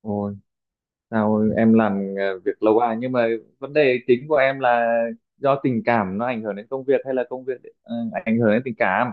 Ôi, sao em làm việc lâu à, nhưng mà vấn đề chính của em là do tình cảm nó ảnh hưởng đến công việc hay là công việc ờ, ảnh hưởng đến tình cảm?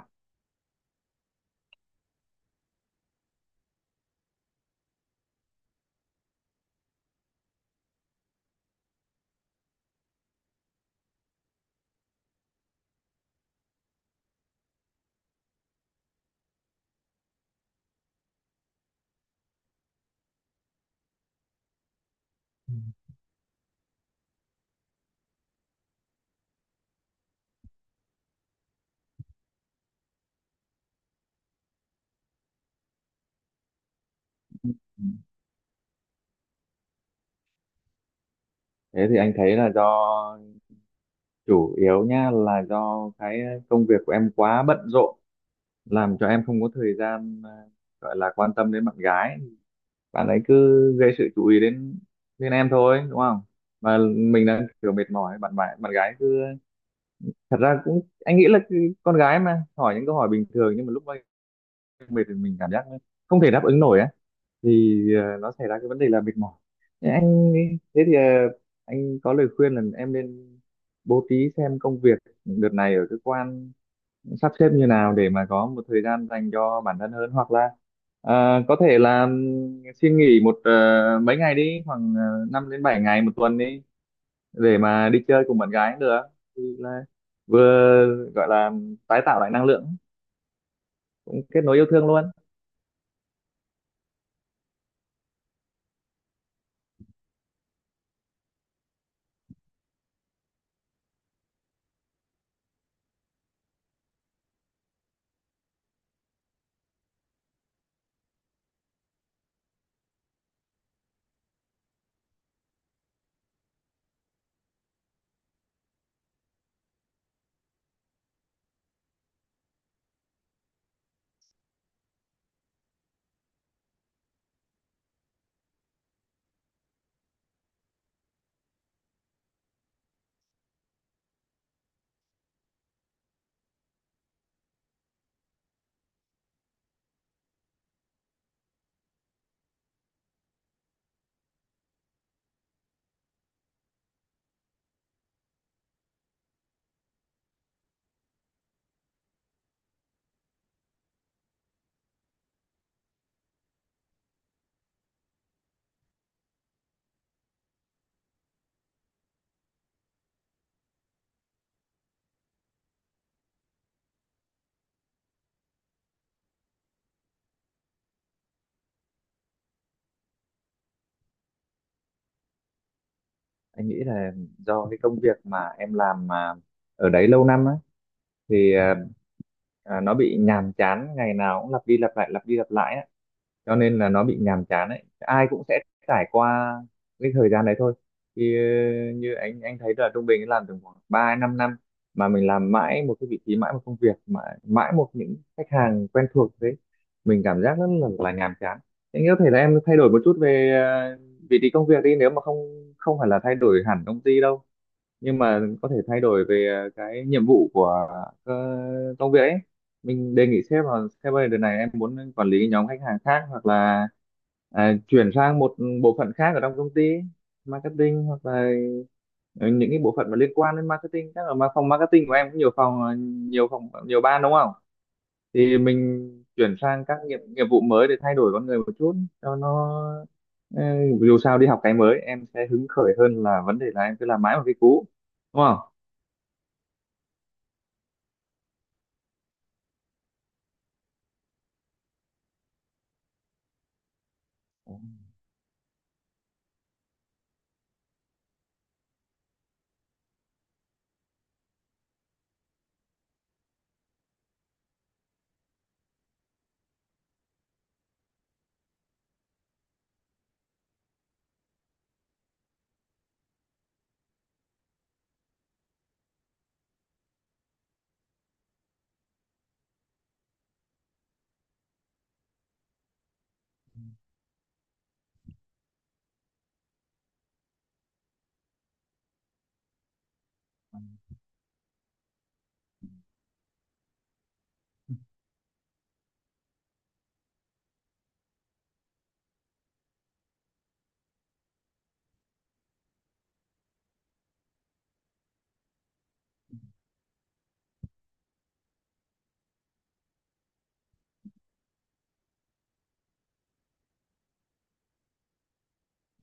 Ừ. Thế thì anh thấy là do chủ yếu nha, là do cái công việc của em quá bận rộn, làm cho em không có thời gian gọi là quan tâm đến bạn gái. Bạn ấy cứ gây sự chú ý đến đến em thôi đúng không? Mà mình đang kiểu mệt mỏi, bạn bạn bạn gái cứ, thật ra cũng anh nghĩ là con gái mà hỏi những câu hỏi bình thường nhưng mà lúc mệt thì mình cảm giác nó không thể đáp ứng nổi á, thì nó xảy ra cái vấn đề là mệt mỏi. Thế anh thế thì anh có lời khuyên là em nên bố trí xem công việc đợt này ở cơ quan sắp xếp như nào để mà có một thời gian dành cho bản thân hơn, hoặc là ờ, có thể là xin nghỉ mấy ngày đi, khoảng 5 đến 7 ngày một tuần đi, để mà đi chơi cùng bạn gái cũng được. Thì là vừa gọi là tái tạo lại năng lượng, cũng kết nối yêu thương luôn. Anh nghĩ là do cái công việc mà em làm mà ở đấy lâu năm á, thì nó bị nhàm chán, ngày nào cũng lặp đi lặp lại, lặp đi lặp lại á, cho nên là nó bị nhàm chán ấy. Ai cũng sẽ trải qua cái thời gian đấy thôi. Thì như anh thấy là trung bình làm tầm khoảng ba năm năm mà mình làm mãi một cái vị trí, mãi một công việc, mãi một những khách hàng quen thuộc, thế mình cảm giác rất là nhàm chán. Anh có thể là em thay đổi một chút về ờ, vị trí công việc đi, nếu mà không không phải là thay đổi hẳn công ty đâu, nhưng mà có thể thay đổi về cái nhiệm vụ của ờ, công việc ấy. Mình đề nghị sếp là: sếp ơi đợt này em muốn quản lý nhóm khách hàng khác, hoặc là chuyển sang một bộ phận khác ở trong công ty marketing, hoặc là ờ, những cái bộ phận mà liên quan đến marketing. Chắc là mà phòng marketing của em cũng nhiều phòng nhiều ban đúng không, thì mình chuyển sang các nghiệp nghiệp vụ mới để thay đổi con người một chút, cho nó ừ, dù sao đi học cái mới em sẽ hứng khởi hơn, là vấn đề là em cứ làm mãi một cái cũ đúng không.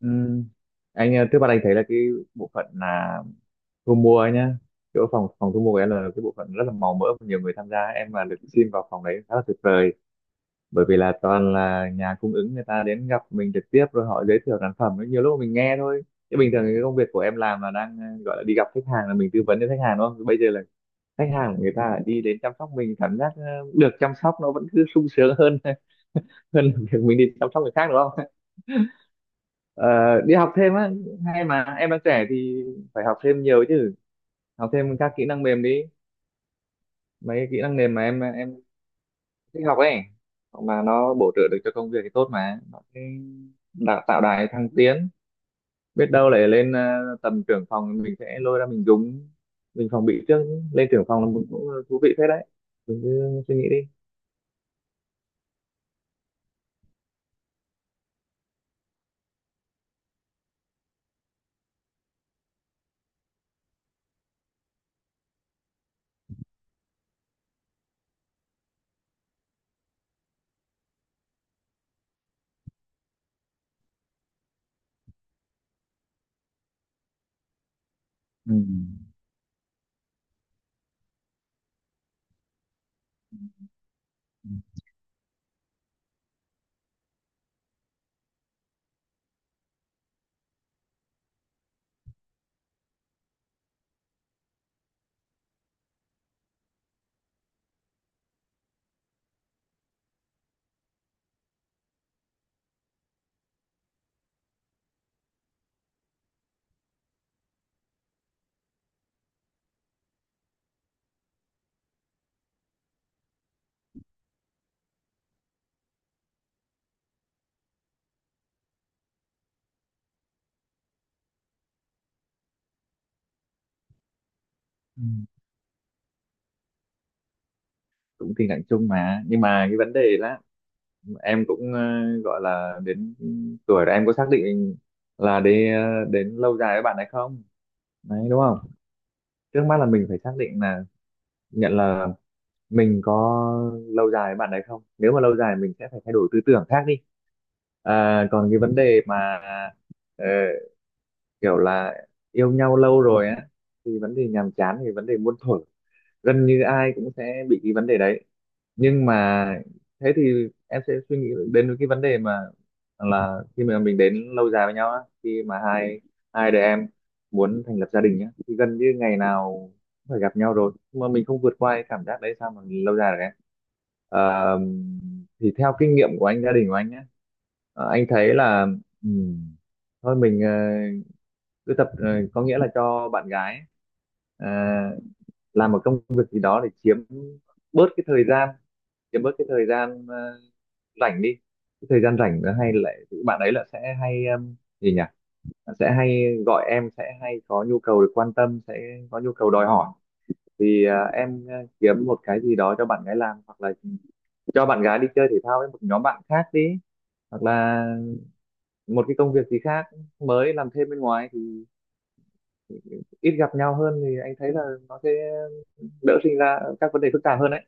Ừm, trước mắt anh thấy là cái bộ phận là thu mua ấy nhá, chỗ phòng phòng thu mua của em là cái bộ phận rất là màu mỡ và nhiều người tham gia. Em mà được xin vào phòng đấy khá là tuyệt vời, bởi vì là toàn là nhà cung ứng người ta đến gặp mình trực tiếp, rồi họ giới thiệu sản phẩm ấy, nhiều lúc mà mình nghe thôi. Chứ bình thường cái công việc của em làm là đang gọi là đi gặp khách hàng là mình tư vấn cho khách hàng đúng không, bây giờ là khách hàng của người ta lại đi đến chăm sóc mình, cảm giác được chăm sóc nó vẫn cứ sung sướng hơn hơn là việc mình đi chăm sóc người khác đúng không. Ờ, đi học thêm á, hay mà em đang trẻ thì phải học thêm nhiều chứ, học thêm các kỹ năng mềm đi, mấy cái kỹ năng mềm mà em thích học ấy, mà nó bổ trợ được cho công việc thì tốt, mà nó sẽ đào tạo đài thăng tiến, biết đâu lại lên tầm trưởng phòng mình sẽ lôi ra mình dùng, mình phòng bị trước. Lên trưởng phòng là một cũng thú vị phết đấy, mình cứ suy nghĩ đi. Ừ. Ừ. Ừ. Cũng tình trạng chung mà, nhưng mà cái vấn đề là em cũng gọi là đến tuổi rồi, em có xác định là đến lâu dài với bạn hay không đấy đúng không. Trước mắt là mình phải xác định là, nhận là mình có lâu dài với bạn đấy không, nếu mà lâu dài mình sẽ phải thay đổi tư tưởng khác đi. À, còn cái vấn đề mà ờ, kiểu là yêu nhau lâu rồi á, thì vấn đề nhàm chán thì vấn đề muôn thuở, gần như ai cũng sẽ bị cái vấn đề đấy. Nhưng mà thế thì em sẽ suy nghĩ đến cái vấn đề mà là khi mà mình đến lâu dài với nhau á, khi mà hai hai đứa em muốn thành lập gia đình nhá thì gần như ngày nào cũng phải gặp nhau rồi, nhưng mà mình không vượt qua cái cảm giác đấy sao mà lâu dài được em. Ờ, thì theo kinh nghiệm của anh, gia đình của anh nhá, anh thấy là ừm, thôi mình cứ tập, có nghĩa là cho bạn gái ấy, làm một công việc gì đó để bớt cái thời gian chiếm bớt cái thời gian rảnh đi, cái thời gian rảnh nó hay lại bạn ấy là sẽ hay gì nhỉ, sẽ hay gọi em, sẽ hay có nhu cầu được quan tâm, sẽ có nhu cầu đòi hỏi. Thì em kiếm một cái gì đó cho bạn gái làm, hoặc là cho bạn gái đi chơi thể thao với một nhóm bạn khác đi, hoặc là một cái công việc gì khác, mới làm thêm bên ngoài, thì ít gặp nhau hơn thì anh thấy là nó sẽ đỡ sinh ra các vấn đề phức tạp hơn đấy.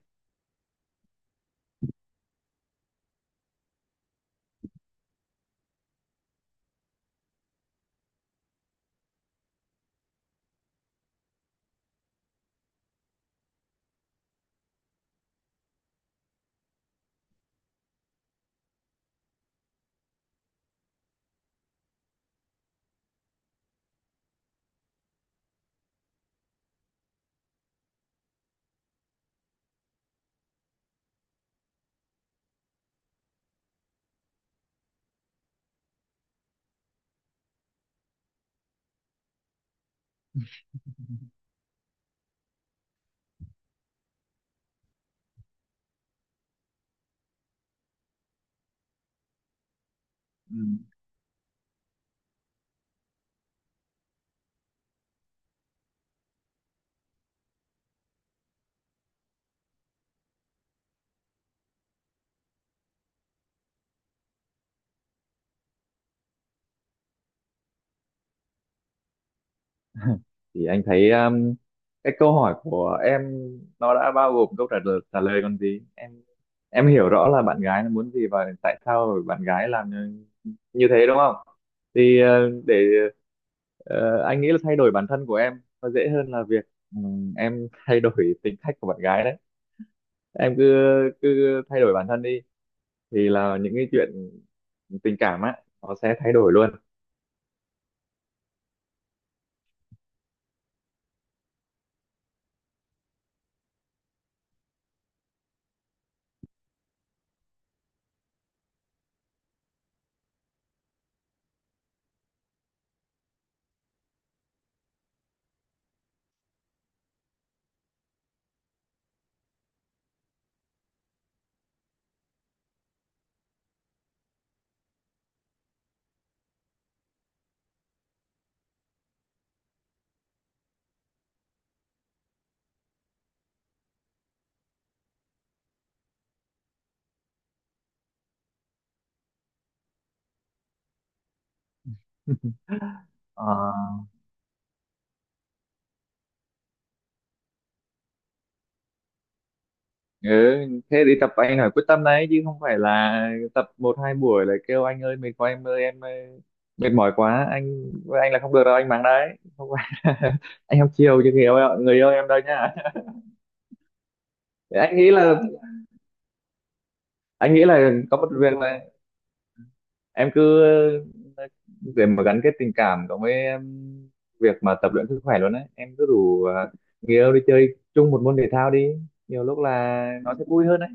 Ừ. Thì anh thấy cái câu hỏi của em nó đã bao gồm câu trả lời còn gì em. Em hiểu rõ là bạn gái nó muốn gì và tại sao bạn gái làm như thế đúng không. Thì để ờ, anh nghĩ là thay đổi bản thân của em nó dễ hơn là việc em thay đổi tính cách của bạn gái đấy. Em cứ cứ thay đổi bản thân đi, thì là những cái chuyện tình cảm á nó sẽ thay đổi luôn. Ờ, ừ, thế đi tập anh phải quyết tâm đấy, chứ không phải là tập một hai buổi lại kêu anh ơi mệt quá, em ơi, mệt mỏi quá anh là không được đâu, anh mắng đấy, không phải anh không chiều cho người yêu em đâu nhá. Thế anh nghĩ là, có một việc là em cứ ờ, để mà gắn kết tình cảm cộng với em, việc mà tập luyện sức khỏe luôn đấy, em cứ rủ người yêu đi chơi chung một môn thể thao đi, nhiều lúc là nó sẽ vui hơn đấy.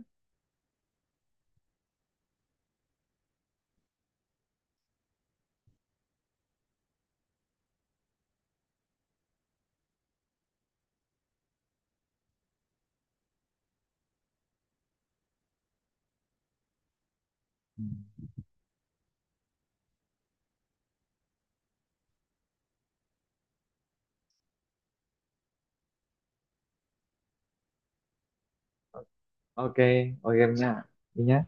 OK, OK em nha, đi nhá.